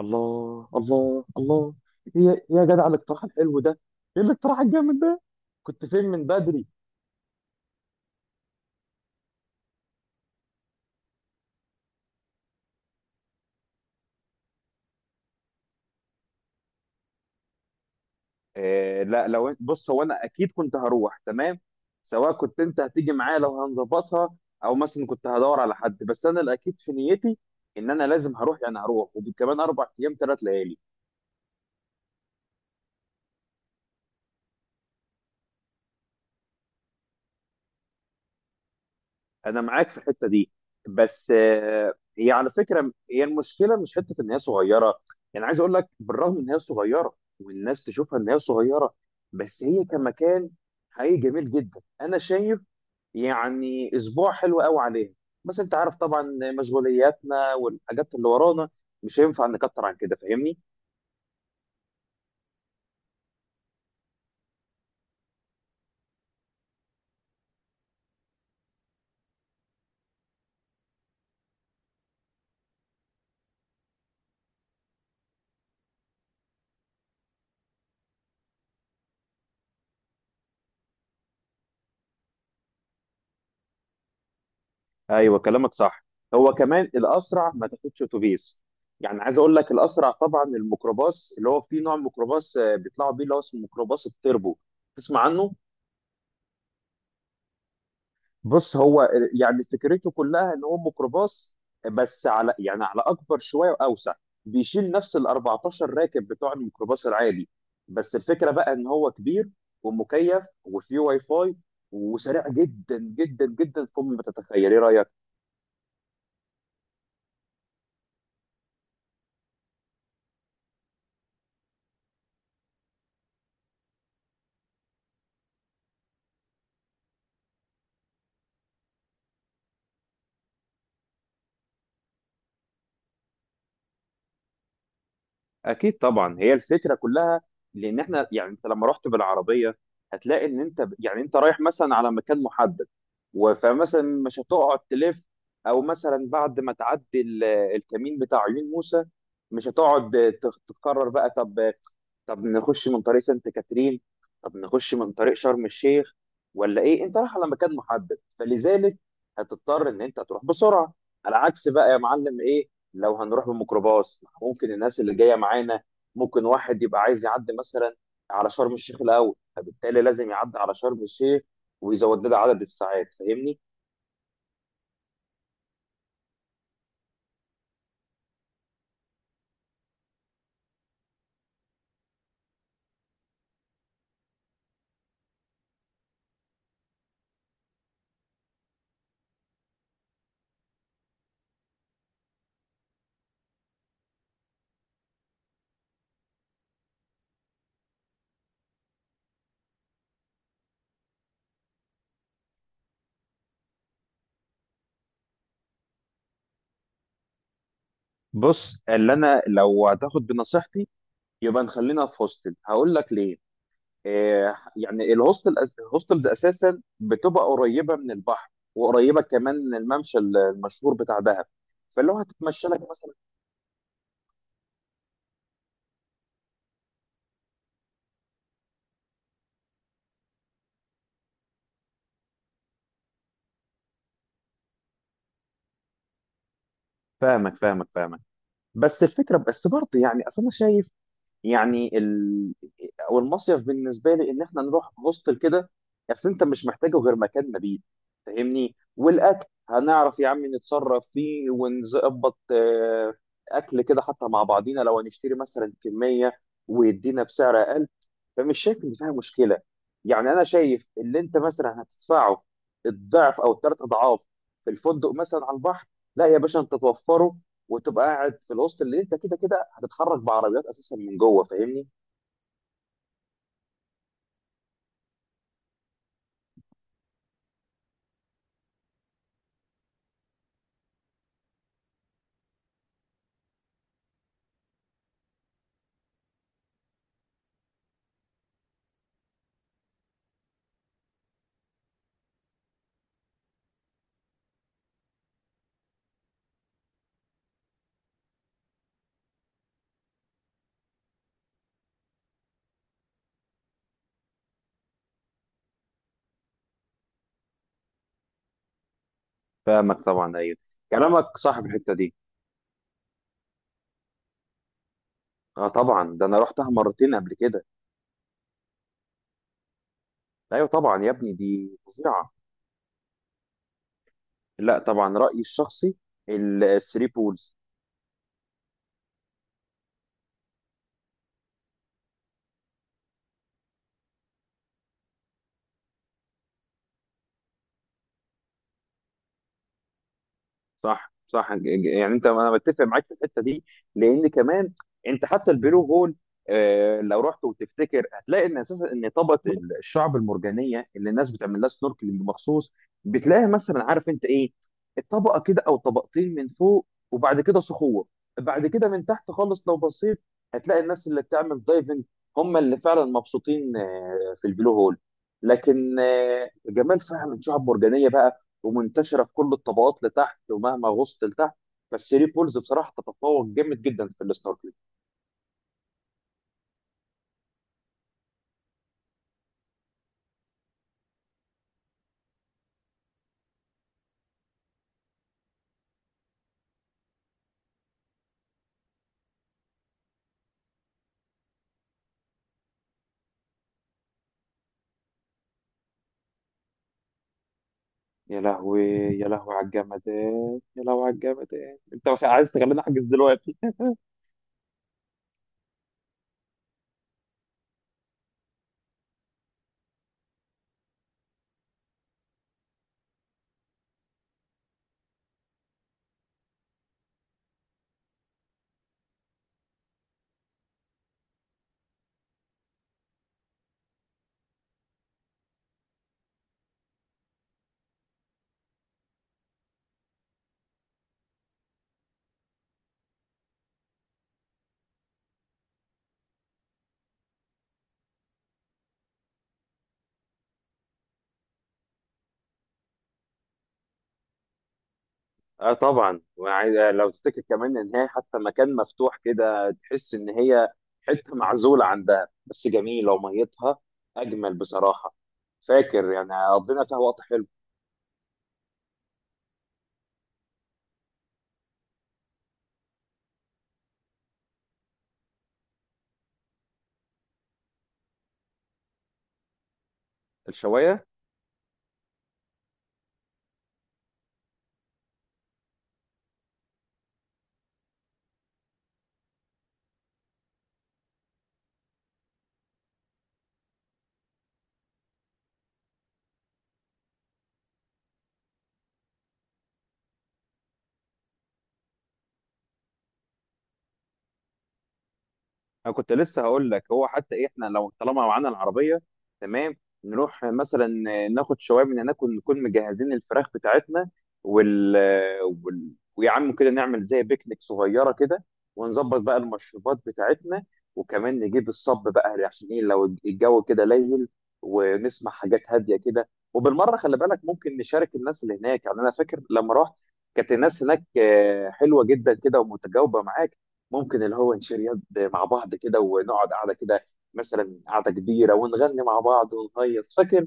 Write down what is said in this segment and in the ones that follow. الله الله الله. هي إيه يا جدع الاقتراح الحلو ده؟ ايه الاقتراح الجامد ده؟ كنت فين من بدري؟ إيه، لا، لو بص، هو انا اكيد كنت هروح، تمام، سواء كنت انت هتيجي معايا لو هنظبطها او مثلا كنت هدور على حد، بس انا الاكيد في نيتي ان انا لازم هروح، يعني هروح وكمان اربع ايام ثلاث ليالي. انا معاك في الحته دي، بس هي على فكره، هي المشكله مش حته ان هي صغيره. يعني عايز اقول لك، بالرغم ان هي صغيره والناس تشوفها ان هي صغيره، بس هي كمكان حقيقي جميل جدا انا شايف يعني اسبوع حلو قوي عليها. بس انت عارف طبعا مشغولياتنا والحاجات اللي ورانا مش هينفع نكتر عن كده، فاهمني؟ ايوه كلامك صح. هو كمان الاسرع ما تاخدش اتوبيس. يعني عايز اقول لك، الاسرع طبعا الميكروباص، اللي هو في نوع ميكروباص بيطلعوا بيه اللي هو اسمه ميكروباص التربو. تسمع عنه؟ بص، هو يعني فكرته كلها ان هو ميكروباص، بس على يعني على اكبر شويه واوسع. بيشيل نفس ال 14 راكب بتوع الميكروباص العادي، بس الفكره بقى ان هو كبير ومكيف وفيه واي فاي وسريع جدا جدا جدا فوق ما تتخيل. ايه رايك؟ اكيد طبعا، هي الفكره كلها. لان احنا يعني انت لما رحت بالعربيه، هتلاقي ان انت يعني انت رايح مثلا على مكان محدد فمثلا مش هتقعد تلف، او مثلا بعد ما تعدي الكمين بتاع عيون موسى، مش هتقعد تتكرر بقى. طب، طب نخش من طريق سانت كاترين، طب نخش من طريق شرم الشيخ، ولا ايه؟ انت رايح على مكان محدد، فلذلك هتضطر ان انت تروح بسرعه. على عكس بقى يا معلم، ايه، لو هنروح بالميكروباص ممكن الناس اللي جايه معانا، ممكن واحد يبقى عايز يعدي مثلا على شرم الشيخ الاول، فبالتالي لازم يعدي على شرم الشيخ ويزود لنا عدد الساعات، فاهمني؟ بص، اللي انا لو هتاخد بنصيحتي، يبقى نخلينا في هوستل. هقول لك ليه. يعني الهوستل، الهوستلز اساسا بتبقى قريبه من البحر وقريبه كمان من الممشى المشهور بتاع دهب، فلو هتتمشى لك مثلا. فاهمك فاهمك فاهمك. بس الفكره، بس برضه يعني اصل انا شايف يعني او المصيف بالنسبه لي ان احنا نروح هوستل كده. اصل انت مش محتاجه غير مكان مبيت، فاهمني؟ والاكل هنعرف يا عم نتصرف فيه ونظبط اكل كده، حتى مع بعضينا لو هنشتري مثلا كميه ويدينا بسعر اقل، فمش شايف ان فيها مشكله. يعني انا شايف اللي انت مثلا هتدفعه الضعف او الثلاث اضعاف في الفندق مثلا على البحر، لا يا باشا انت توفره وتبقى قاعد في الوسط، اللي انت كده كده هتتحرك بعربيات اساسا من جوه، فاهمني؟ فاهمك طبعا. ايوه كلامك صح في الحته دي. اه طبعا، ده انا رحتها مرتين قبل كده. ايوه طبعا يا ابني، دي فظيعه. لا، طبعا رايي الشخصي الثري بولز. صح صح، يعني انت، انا بتفق معاك في الحته دي. لان كمان انت حتى البلو هول، لو رحت وتفتكر، هتلاقي ان اساسا ان طبقه الشعب المرجانيه اللي الناس بتعمل لها سنوركلينج مخصوص، بتلاقي مثلا، عارف انت ايه، الطبقه كده او طبقتين من فوق وبعد كده صخور، بعد كده من تحت خالص لو بصيت هتلاقي الناس اللي بتعمل دايفنج هم اللي فعلا مبسوطين في البلو هول. لكن جمال فعلا شعب مرجانيه بقى ومنتشره في كل الطبقات لتحت ومهما غصت لتحت، بس ري بولز بصراحه تتفوق جامد جدا في السنوركلينج. يا لهوي، يا لهوي على الجمدان، يا لهوي على الجمدان، انت مش عايز تخليني احجز دلوقتي؟ اه طبعا، وعايز لو تفتكر كمان ان هي حتى مكان مفتوح كده، تحس ان هي حته معزوله عن دهب، بس جميله وميتها اجمل بصراحه. فاكر يعني قضينا فيها وقت حلو. الشوايه. انا كنت لسه هقول لك، هو حتى إيه، احنا لو طالما معانا العربيه، تمام، نروح مثلا ناخد شويه من هناك، ونكون مجهزين الفراخ بتاعتنا وال, ويا عم كده نعمل زي بيكنيك صغيره كده، ونظبط بقى المشروبات بتاعتنا، وكمان نجيب الصب بقى عشان ايه لو الجو كده ليل، ونسمع حاجات هاديه كده. وبالمره خلي بالك ممكن نشارك الناس اللي هناك. يعني انا فاكر لما رحت كانت الناس هناك حلوه جدا كده ومتجاوبه معاك، ممكن اللي هو نشير يد مع بعض كده ونقعد قعده كده، مثلا قعده كبيره ونغني مع بعض ونهيص، فاكر.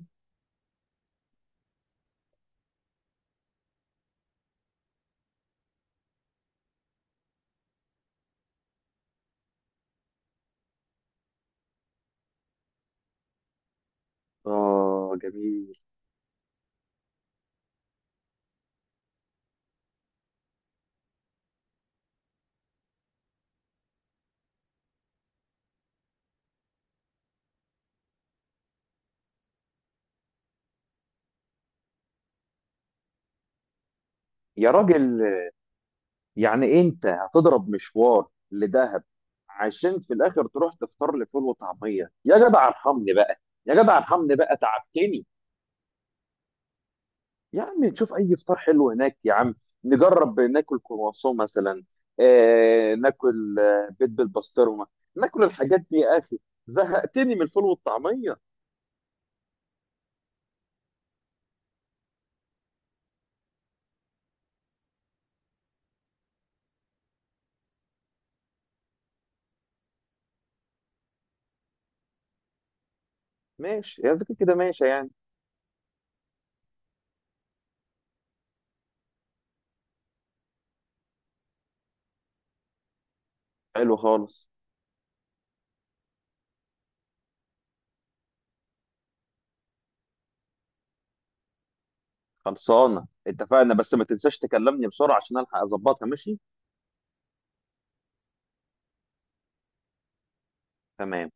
اه جميل. يا راجل، يعني انت هتضرب مشوار لدهب عشان في الاخر تروح تفطر لي فول وطعميه؟ يا جدع ارحمني بقى، يا جدع ارحمني بقى، تعبتني. يا عم نشوف اي فطار حلو هناك يا عم، نجرب ناكل كرواسون مثلا، آه ناكل بيض بالبسطرمه، ناكل الحاجات دي يا اخي، زهقتني من الفول والطعميه. ماشي يا ذكر، كده ماشي يعني. حلو خالص. خلصانه، اتفقنا، بس ما تنساش تكلمني بسرعه عشان الحق اظبطها، ماشي؟ تمام.